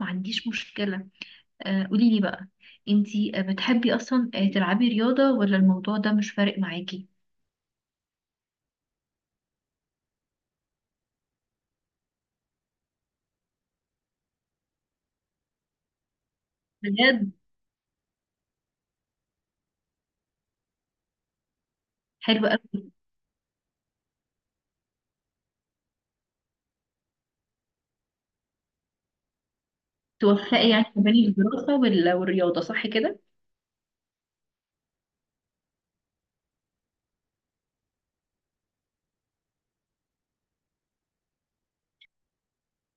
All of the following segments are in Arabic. ما عنديش مشكلة. قوليلي بقى. انتي بتحبي اصلا تلعبي رياضة، ولا الموضوع ده مش فارق معاكي؟ بجد؟ حلو قوي. توفقي يعني ما بين الدراسة والرياضة، صح كده؟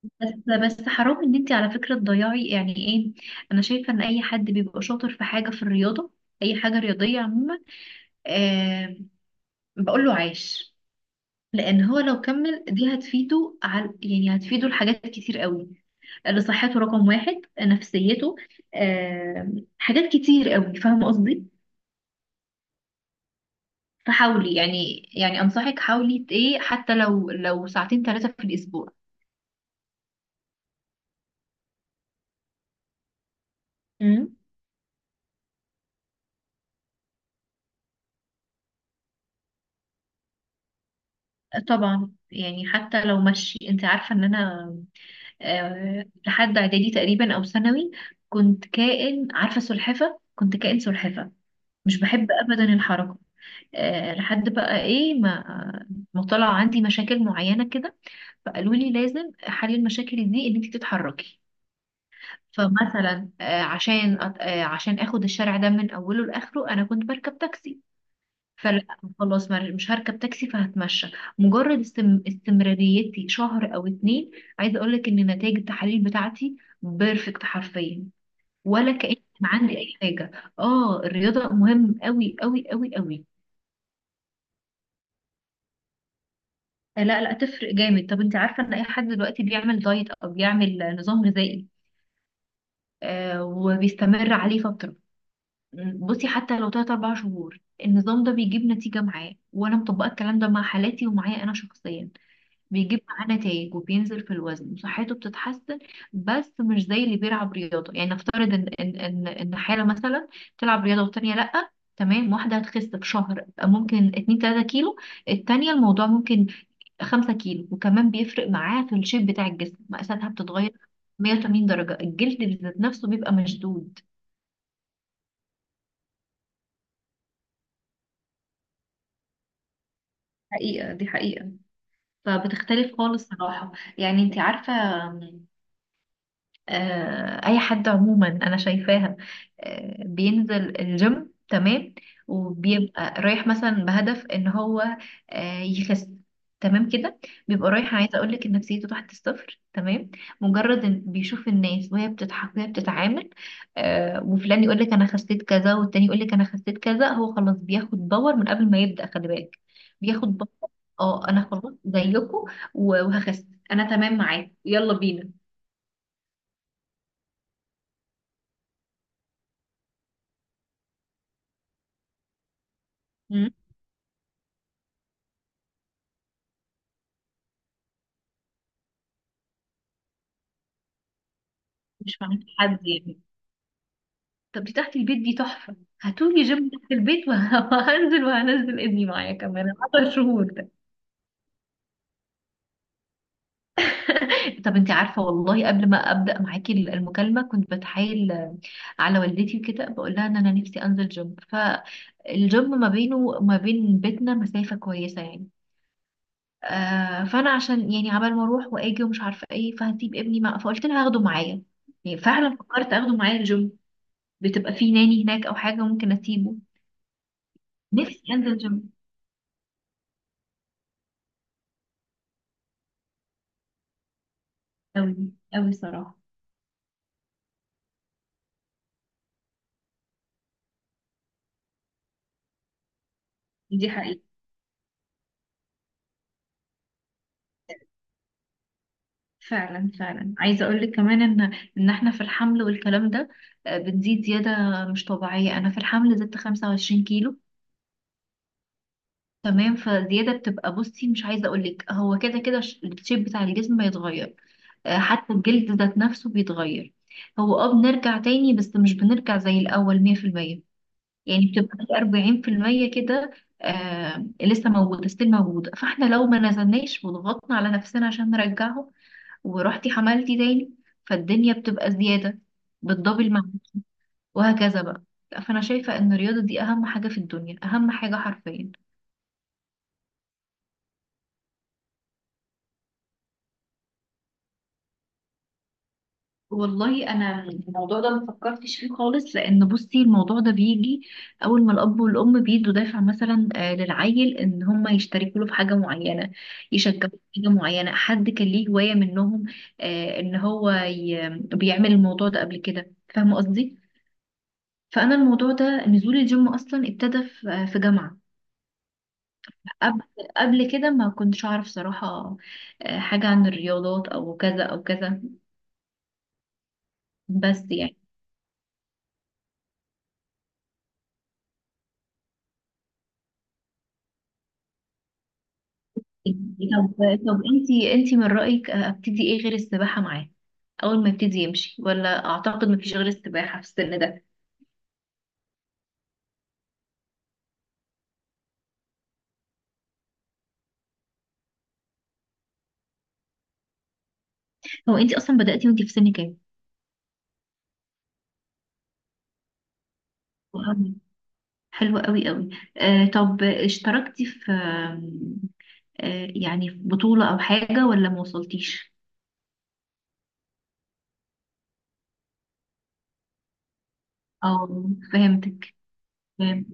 بس. بس حرام ان انتي على فكرة تضيعي، يعني ايه. انا شايفة ان اي حد بيبقى شاطر في حاجة في الرياضة، اي حاجة رياضية عموما، آه، بقول له عاش. لان هو لو كمل دي هتفيده على، يعني هتفيده لحاجات كتير قوي، لصحته رقم واحد، نفسيته، حاجات كتير قوي، فاهمة قصدي؟ فحاولي، يعني أنصحك، حاولي إيه، حتى لو 2 3 ساعات في الأسبوع. امم. طبعا يعني حتى لو مشي. انت عارفة ان انا لحد اعدادي تقريبا او ثانوي كنت كائن، عارفة، سلحفة. كنت كائن سلحفة، مش بحب ابدا الحركة. لحد بقى ايه، ما طلع عندي مشاكل معينة كده، فقالوا لي لازم حل المشاكل دي ان انت تتحركي. فمثلا عشان عشان اخد الشارع ده من اوله لاخره انا كنت بركب تاكسي. فلا، خلاص، مش هركب تاكسي فهتمشى. مجرد استمراريتي شهر او 2، عايزه اقول لك ان نتائج التحاليل بتاعتي بيرفكت، حرفيا. ولا كأن كان عندي اي حاجه. اه، الرياضه مهم قوي قوي قوي قوي. لا لا، تفرق جامد. طب انت عارفه ان اي حد دلوقتي بيعمل دايت او بيعمل نظام غذائي، آه، وبيستمر عليه فتره، بصي حتى لو 3 4 شهور النظام ده بيجيب نتيجة معاه. وأنا مطبقة الكلام ده مع حالاتي ومعايا أنا شخصيا، بيجيب معاه نتائج وبينزل في الوزن وصحته بتتحسن. بس مش زي اللي بيلعب رياضة. يعني نفترض إن حالة مثلا تلعب رياضة والتانية لأ. تمام، واحدة هتخس في شهر ممكن 2 3 كيلو، التانية الموضوع ممكن 5 كيلو. وكمان بيفرق معاه في الشيب بتاع الجسم، مقاساتها بتتغير 180 درجة، الجلد ذات نفسه بيبقى مشدود. حقيقة، دي حقيقة، فبتختلف خالص صراحة. يعني انت عارفة، اي حد عموما انا شايفاها، بينزل الجيم، تمام، وبيبقى رايح مثلا بهدف ان هو يخس، تمام كده. بيبقى رايح، عايزه اقول لك ان نفسيته تحت الصفر، تمام. مجرد ان بيشوف الناس وهي بتضحك وهي بتتعامل، وفلان يقول لك انا خسيت كذا والتاني يقول لك انا خسيت كذا، هو خلاص بياخد باور من قبل ما يبدأ، خلي بالك. بياخد باور. اه، انا خلاص زيكم وهخس انا، تمام معاك، يلا بينا. مش فاهمة حد يعني. طب دي تحت البيت دي تحفة. هاتولي جيم تحت البيت وهنزل ابني معايا كمان. 10 شهور ده. طب انت عارفة والله قبل ما أبدأ معاكي المكالمة كنت بتحايل، على والدتي وكده، بقول لها ان انا نفسي انزل جيم، فالجيم ما بينه وما بين بيتنا مسافة كويسة يعني. فانا عشان يعني عبال ما اروح واجي ومش عارفة ايه فهسيب ابني مع، فقلت لها هاخده معايا. يعني فعلا فكرت اخده معايا الجيم، بتبقى في ناني هناك او حاجة ممكن اسيبه. نفسي انزل جيم قوي، قوي صراحه. دي حقيقة. فعلا فعلا، عايزه اقول لك كمان ان احنا في الحمل والكلام ده، بتزيد زياده مش طبيعيه. انا في الحمل زدت 25 كيلو. تمام، فزياده بتبقى، بصي، مش عايزه اقول لك، هو كده كده الشيب بتاع الجسم بيتغير، حتى الجلد ذات نفسه بيتغير. هو اه بنرجع تاني بس مش بنرجع زي الاول 100%، يعني بتبقى في 40% كده، آه، لسه موجودة، ستيل موجودة. فاحنا لو ما نزلناش وضغطنا على نفسنا عشان نرجعه ورحتي حملتي تاني، فالدنيا بتبقى زيادة بالدبل معاك، وهكذا بقى. فأنا شايفة إن الرياضة دي أهم حاجة في الدنيا، أهم حاجة حرفيا. والله انا الموضوع ده ما فكرتش فيه خالص، لان بصي الموضوع ده بيجي اول ما الاب والام بيدوا دافع مثلا، للعيل ان هم يشتركوا له في حاجه معينه، يشجعوا في حاجه معينه، حد كان ليه هوايه منهم، ان هو بيعمل الموضوع ده قبل كده. فاهمه قصدي؟ فانا الموضوع ده نزول الجيم اصلا ابتدى في في جامعه، قبل قبل كده ما كنتش اعرف صراحه، حاجه عن الرياضات او كذا او كذا، بس يعني. طب طب انتي من رأيك، ابتدي ايه غير السباحة معاه اول ما يبتدي يمشي؟ ولا اعتقد مفيش غير السباحة في السن ده. هو انتي اصلا بدأتي وانتي في سن كام؟ وأوي. حلوة قوي قوي. آه، طب اشتركتي في يعني في بطولة او حاجة ولا ما وصلتيش؟ اه، فهمتك. فهم-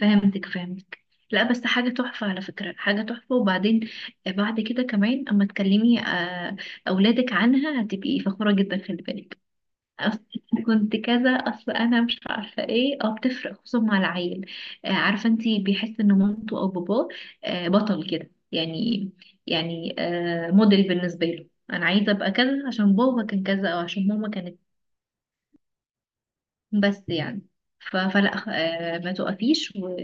فهمتك فهمتك. لا بس حاجة تحفة على فكرة، حاجة تحفة. وبعدين بعد كده كمان اما تكلمي أولادك عنها هتبقي فخورة جدا، خلي بالك. أصل كنت كذا. اصل انا مش عارفه ايه، اه بتفرق خصوصا مع العيل. عارفه انتي، بيحس ان مامته او باباه بطل كده يعني، يعني موديل بالنسبه له. انا عايزه ابقى كذا عشان بابا كان كذا او عشان ماما كانت، بس يعني. فلا ما توقفيش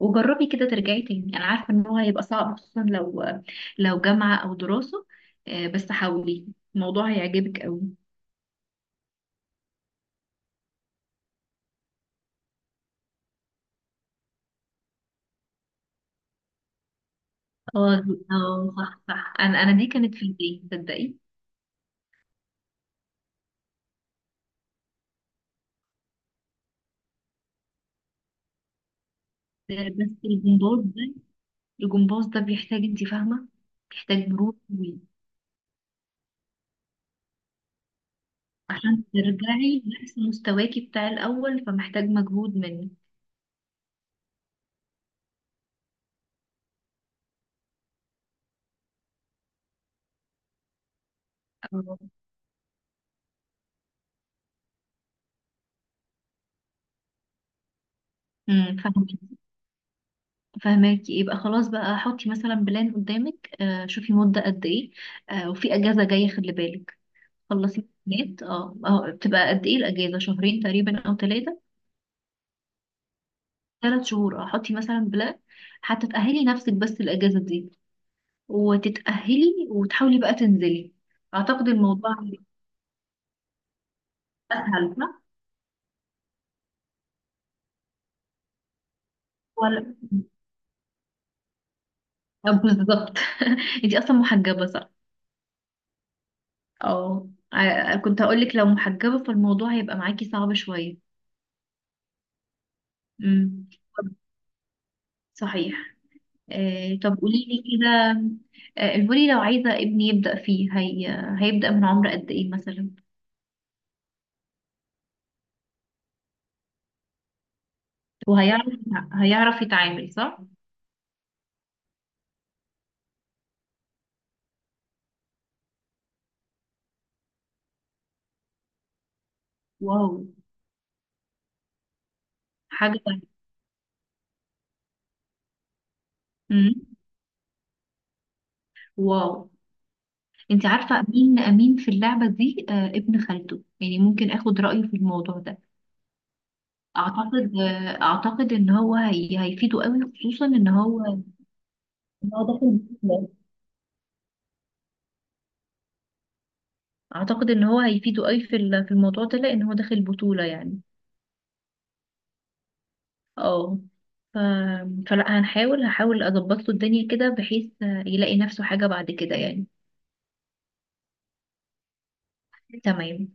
وجربي كده ترجعي تاني. انا عارفه ان هو هيبقى صعب خصوصا لو جامعه او دراسه، بس حاولي الموضوع هيعجبك قوي. اه اه، صح صح. انا دي كانت في البيت، تصدقي. بس الجمباز ده الجمباز ده بيحتاج، انت فاهمه، بيحتاج مرونه قوي، عشان ترجعي نفس مستواكي بتاع الاول فمحتاج مجهود منك. اه. امم، فاهمك، فاهماكي. يبقى خلاص بقى، حطي مثلا بلان قدامك، آه، شوفي مده قد ايه. آه، وفي اجازه جايه خلي بالك، خلصي الامتحانات. اه، اه، بتبقى قد ايه الاجازه؟ 2 تقريبا او 3 شهور، 3 شهور، اه. حطي مثلا بلان حتى تأهلي نفسك بس الأجازة دي، وتتأهلي وتحاولي بقى تنزلي. اعتقد الموضوع اسهل صح. ولا، بالظبط. انتي اصلا محجبة صح؟ اه، كنت هقولك لو محجبة فالموضوع هيبقى معاكي صعب شوية. امم، صحيح. طب قولي لي كده، الفولي لو عايزة ابني يبدأ فيه هيبدأ من عمر قد ايه مثلا؟ وهيعرف هيعرف يتعامل صح. واو، حاجة. مم. واو. انت عارفة مين في اللعبة دي؟ ابن خالته، يعني ممكن اخد رأيه في الموضوع ده. اعتقد، اعتقد ان هو هيفيده قوي، خصوصا ان هو إن هو داخل بطولة. اعتقد ان هو هيفيده قوي في في الموضوع ده لان هو داخل بطولة يعني. اه، ف... فلا، هحاول اظبط له الدنيا كده بحيث يلاقي نفسه حاجة بعد كده يعني. تمام.